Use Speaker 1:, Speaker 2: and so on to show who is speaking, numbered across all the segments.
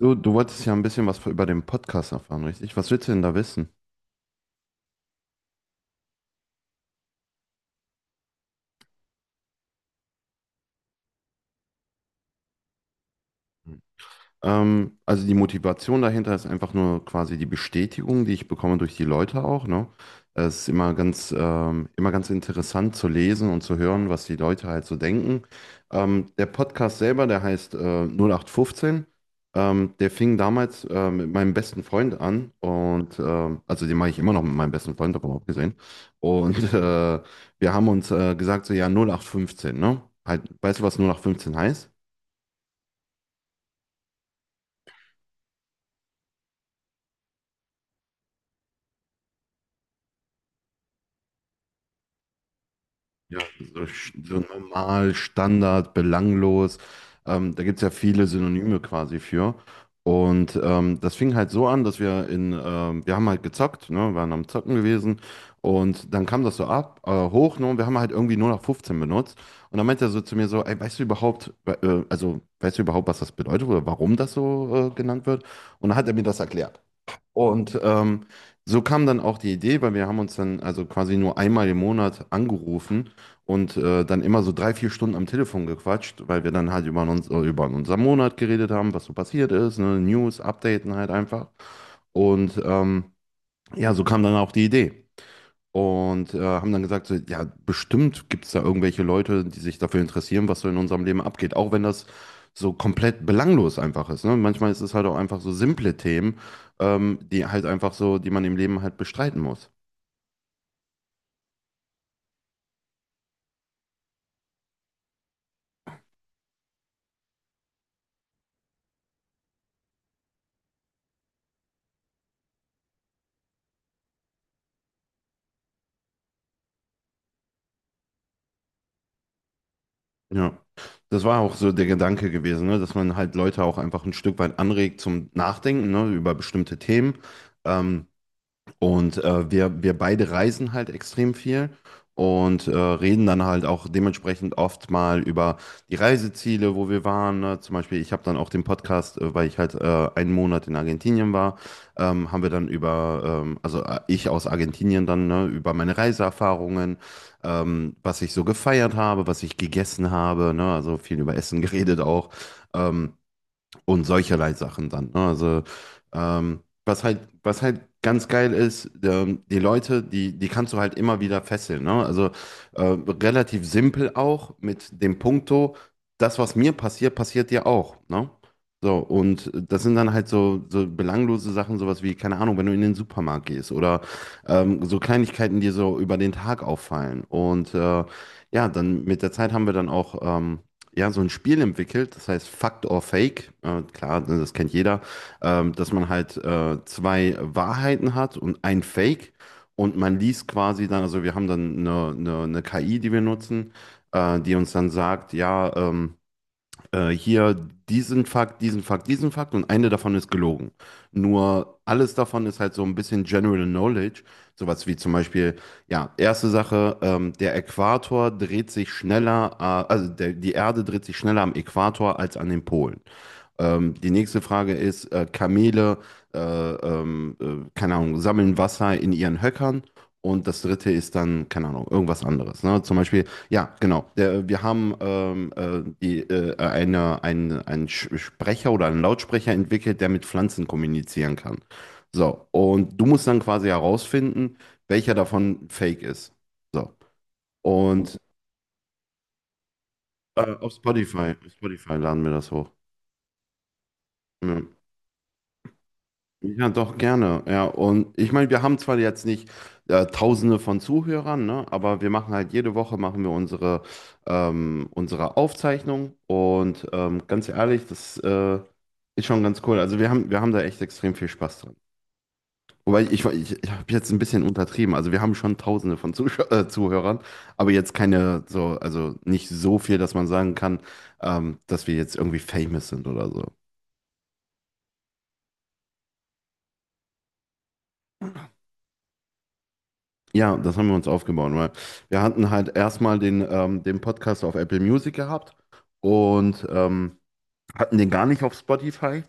Speaker 1: Du wolltest ja ein bisschen was über den Podcast erfahren, richtig? Was willst du denn da wissen? Also die Motivation dahinter ist einfach nur quasi die Bestätigung, die ich bekomme durch die Leute auch, ne? Es ist immer ganz interessant zu lesen und zu hören, was die Leute halt so denken. Der Podcast selber, der heißt 0815. Der fing damals mit meinem besten Freund an und also den mache ich immer noch mit meinem besten Freund, aber auch gesehen. Und wir haben uns gesagt, so ja, 0815, ne? Halt, weißt du, was 0815 heißt? Ja, so, so normal, Standard, belanglos. Da gibt es ja viele Synonyme quasi für. Und das fing halt so an, dass wir haben halt gezockt, ne, waren am Zocken gewesen. Und dann kam das so hoch, ne, und wir haben halt irgendwie nur noch 15 benutzt. Und dann meinte er so zu mir so, ey, weißt du überhaupt, was das bedeutet oder warum das so genannt wird? Und dann hat er mir das erklärt. Und so kam dann auch die Idee, weil wir haben uns dann also quasi nur einmal im Monat angerufen und dann immer so 3, 4 Stunden am Telefon gequatscht, weil wir dann halt über unseren Monat geredet haben, was so passiert ist, ne? News, Updaten halt einfach. Und ja, so kam dann auch die Idee. Und haben dann gesagt, so, ja, bestimmt gibt es da irgendwelche Leute, die sich dafür interessieren, was so in unserem Leben abgeht. Auch wenn das so komplett belanglos einfach ist. Ne? Manchmal ist es halt auch einfach so simple Themen, die halt einfach so, die man im Leben halt bestreiten muss. Ja, das war auch so der Gedanke gewesen, ne? Dass man halt Leute auch einfach ein Stück weit anregt zum Nachdenken, ne? Über bestimmte Themen. Ähm, Und wir beide reisen halt extrem viel und reden dann halt auch dementsprechend oft mal über die Reiseziele, wo wir waren. Ne? Zum Beispiel, ich habe dann auch den Podcast, weil ich halt einen Monat in Argentinien war, haben wir dann über, ich aus Argentinien dann, ne, über meine Reiseerfahrungen, was ich so gefeiert habe, was ich gegessen habe, ne? Also viel über Essen geredet auch. Ähm, und solcherlei Sachen dann. Ne? Also was halt ganz geil ist, die Leute, die kannst du halt immer wieder fesseln. Ne? Also äh, relativ simpel auch mit dem Punkto, das, was mir passiert, passiert dir auch. Ne? So, und das sind dann halt so, so belanglose Sachen, sowas wie, keine Ahnung, wenn du in den Supermarkt gehst oder so Kleinigkeiten, die so über den Tag auffallen. Und ja, dann mit der Zeit haben wir dann auch ja, so ein Spiel entwickelt, das heißt Fact or Fake. Klar, ne, das kennt jeder, dass man halt zwei Wahrheiten hat und ein Fake. Und man liest quasi dann, also wir haben dann eine KI, die wir nutzen, die uns dann sagt, ja, hier diesen Fakt, diesen Fakt, diesen Fakt und eine davon ist gelogen. Nur alles davon ist halt so ein bisschen General Knowledge. Sowas wie zum Beispiel, ja, erste Sache, der Äquator dreht sich schneller, die Erde dreht sich schneller am Äquator als an den Polen. Die nächste Frage ist, Kamele, keine Ahnung, sammeln Wasser in ihren Höckern. Und das dritte ist dann, keine Ahnung, irgendwas anderes. Ne? Zum Beispiel, ja, genau. Wir haben einen Sprecher oder einen Lautsprecher entwickelt, der mit Pflanzen kommunizieren kann. So, und du musst dann quasi herausfinden, welcher davon fake ist. So. Und auf Spotify laden wir das hoch. Ja. Ja, doch, gerne. Ja, und ich meine, wir haben zwar jetzt nicht Tausende von Zuhörern, ne, aber wir machen halt jede Woche machen wir unsere Aufzeichnung und ganz ehrlich, das ist schon ganz cool. Also wir haben da echt extrem viel Spaß dran. Wobei ich habe jetzt ein bisschen untertrieben. Also wir haben schon Tausende von Zusch Zuhörern, aber jetzt keine so, also nicht so viel, dass man sagen kann, dass wir jetzt irgendwie famous sind oder so. Ja, das haben wir uns aufgebaut, weil wir hatten halt erstmal den Podcast auf Apple Music gehabt und hatten den gar nicht auf Spotify.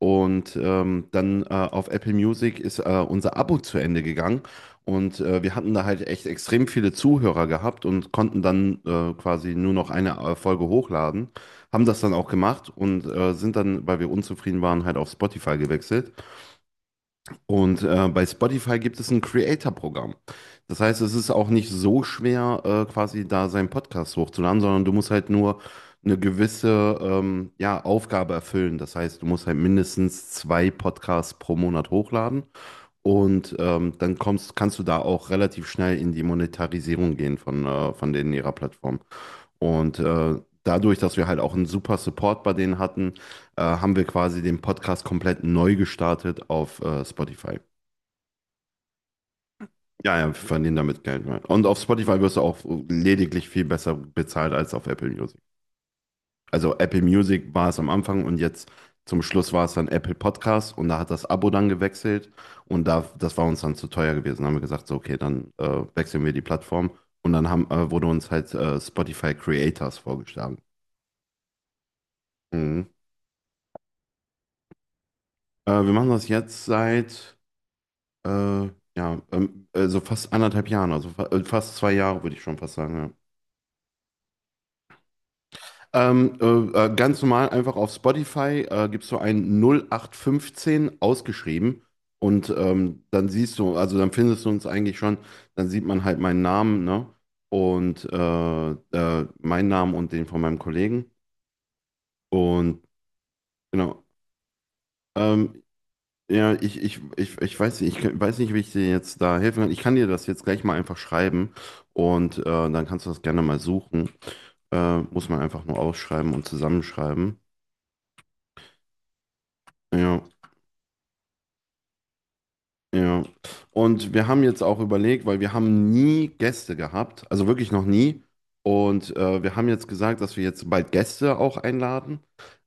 Speaker 1: Und dann auf Apple Music ist unser Abo zu Ende gegangen. Und wir hatten da halt echt extrem viele Zuhörer gehabt und konnten dann quasi nur noch eine Folge hochladen. Haben das dann auch gemacht und sind dann, weil wir unzufrieden waren, halt auf Spotify gewechselt. Und bei Spotify gibt es ein Creator-Programm. Das heißt, es ist auch nicht so schwer, quasi da seinen Podcast hochzuladen, sondern du musst halt nur eine gewisse ja, Aufgabe erfüllen. Das heißt, du musst halt mindestens zwei Podcasts pro Monat hochladen und dann kannst du da auch relativ schnell in die Monetarisierung gehen von denen ihrer Plattform. Und dadurch, dass wir halt auch einen super Support bei denen hatten, haben wir quasi den Podcast komplett neu gestartet auf Spotify. Ja, ja, wir verdienen damit Geld. Ja. Und auf Spotify wirst du auch lediglich viel besser bezahlt als auf Apple Music. Also Apple Music war es am Anfang und jetzt zum Schluss war es dann Apple Podcast und da hat das Abo dann gewechselt und da, das war uns dann zu teuer gewesen. Da haben wir gesagt, so, okay, dann wechseln wir die Plattform und dann wurde uns halt Spotify Creators vorgeschlagen. Mhm. Wir machen das jetzt seit, äh, ja, so fast anderthalb Jahren, also fa fast 2 Jahre, würde ich schon fast sagen, ja. Ganz normal einfach auf Spotify gibst du ein 0815 ausgeschrieben und dann siehst du, also dann findest du uns eigentlich schon, dann sieht man halt meinen Namen, ne? Und meinen Namen und den von meinem Kollegen. Und genau. Ähm, ja, ich weiß nicht, weiß nicht, wie ich dir jetzt da helfen kann. Ich kann dir das jetzt gleich mal einfach schreiben und dann kannst du das gerne mal suchen. Muss man einfach nur ausschreiben und zusammenschreiben. Ja. Ja, und wir haben jetzt auch überlegt, weil wir haben nie Gäste gehabt, also wirklich noch nie. Und wir haben jetzt gesagt, dass wir jetzt bald Gäste auch einladen.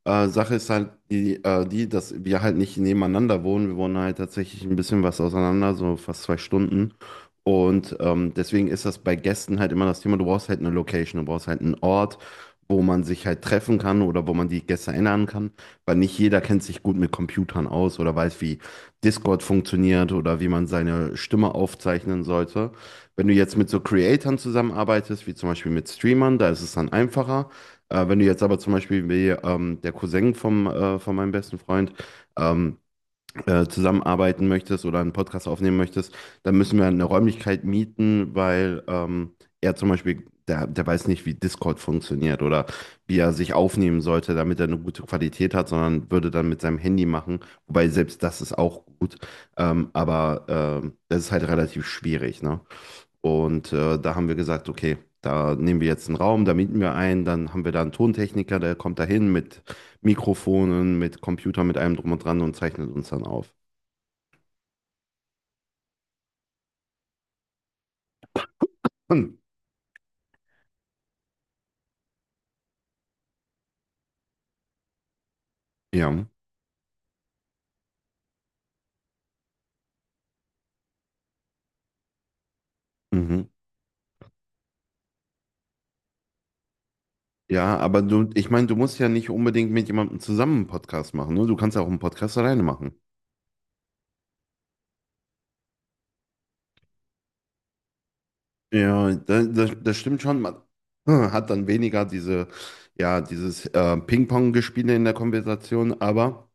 Speaker 1: Sache ist halt die, dass wir halt nicht nebeneinander wohnen. Wir wohnen halt tatsächlich ein bisschen was auseinander, so fast 2 Stunden. Und deswegen ist das bei Gästen halt immer das Thema, du brauchst halt eine Location, du brauchst halt einen Ort, wo man sich halt treffen kann oder wo man die Gäste einladen kann, weil nicht jeder kennt sich gut mit Computern aus oder weiß, wie Discord funktioniert oder wie man seine Stimme aufzeichnen sollte. Wenn du jetzt mit so Creatoren zusammenarbeitest, wie zum Beispiel mit Streamern, da ist es dann einfacher. Wenn du jetzt aber zum Beispiel wie der Cousin von meinem besten Freund, ähm, zusammenarbeiten möchtest oder einen Podcast aufnehmen möchtest, dann müssen wir eine Räumlichkeit mieten, weil er zum Beispiel, der weiß nicht, wie Discord funktioniert oder wie er sich aufnehmen sollte, damit er eine gute Qualität hat, sondern würde dann mit seinem Handy machen. Wobei selbst das ist auch gut, aber das ist halt relativ schwierig, ne? Und da haben wir gesagt, okay. Da nehmen wir jetzt einen Raum, da mieten wir einen, dann haben wir da einen Tontechniker, der kommt da hin mit Mikrofonen, mit Computer, mit allem drum und dran und zeichnet uns dann auf. Hm, ja, mhm. Ja, aber du, ich meine, du musst ja nicht unbedingt mit jemandem zusammen einen Podcast machen, ne? Du kannst ja auch einen Podcast alleine machen. Ja, das stimmt schon. Man hat dann weniger dieses Ping-Pong-Gespiele in der Konversation, aber.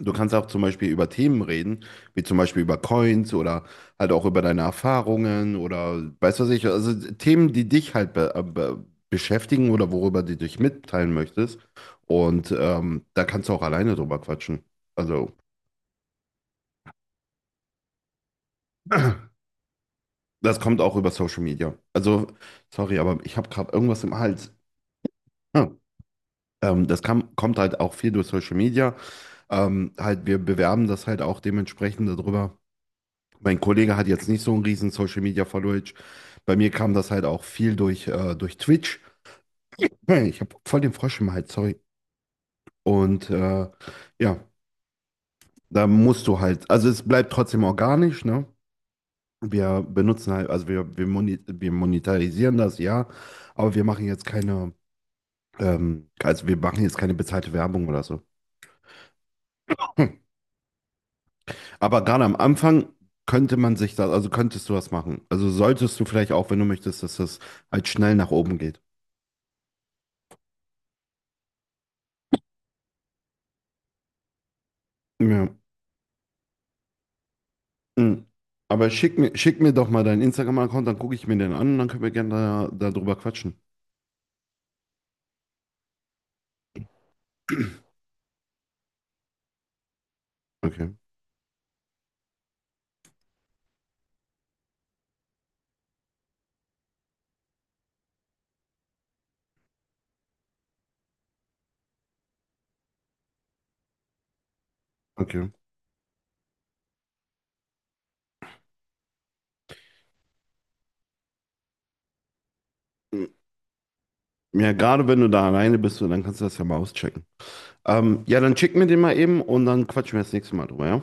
Speaker 1: Du kannst auch zum Beispiel über Themen reden, wie zum Beispiel über Coins oder halt auch über deine Erfahrungen oder weißt du was ich, also Themen, die dich halt be be beschäftigen oder worüber du dich mitteilen möchtest. Und da kannst du auch alleine drüber quatschen. Also das kommt auch über Social Media. Also sorry, aber ich habe gerade irgendwas im Hals. Hm. Das kommt halt auch viel durch Social Media. Halt, wir bewerben das halt auch dementsprechend darüber. Mein Kollege hat jetzt nicht so einen riesen Social Media Followage. Bei mir kam das halt auch viel durch Twitch. Hey, ich habe voll den Frosch im Hals, sorry. Und ja, da musst du halt, also es bleibt trotzdem organisch, ne? Wir benutzen halt, also wir monetarisieren das, ja, aber wir machen jetzt keine, also wir machen jetzt keine bezahlte Werbung oder so. Hm. Aber gerade am Anfang könntest du das machen. Also solltest du vielleicht auch, wenn du möchtest, dass das halt schnell nach oben geht. Ja. Mhm. Aber schick mir doch mal deinen Instagram-Account, dann gucke ich mir den an und dann können wir gerne da drüber quatschen. Okay, okay. Mhm. Ja, gerade wenn du da alleine bist, so, dann kannst du das ja mal auschecken. Ja, dann schick mir den mal eben und dann quatschen wir das nächste Mal drüber, ja?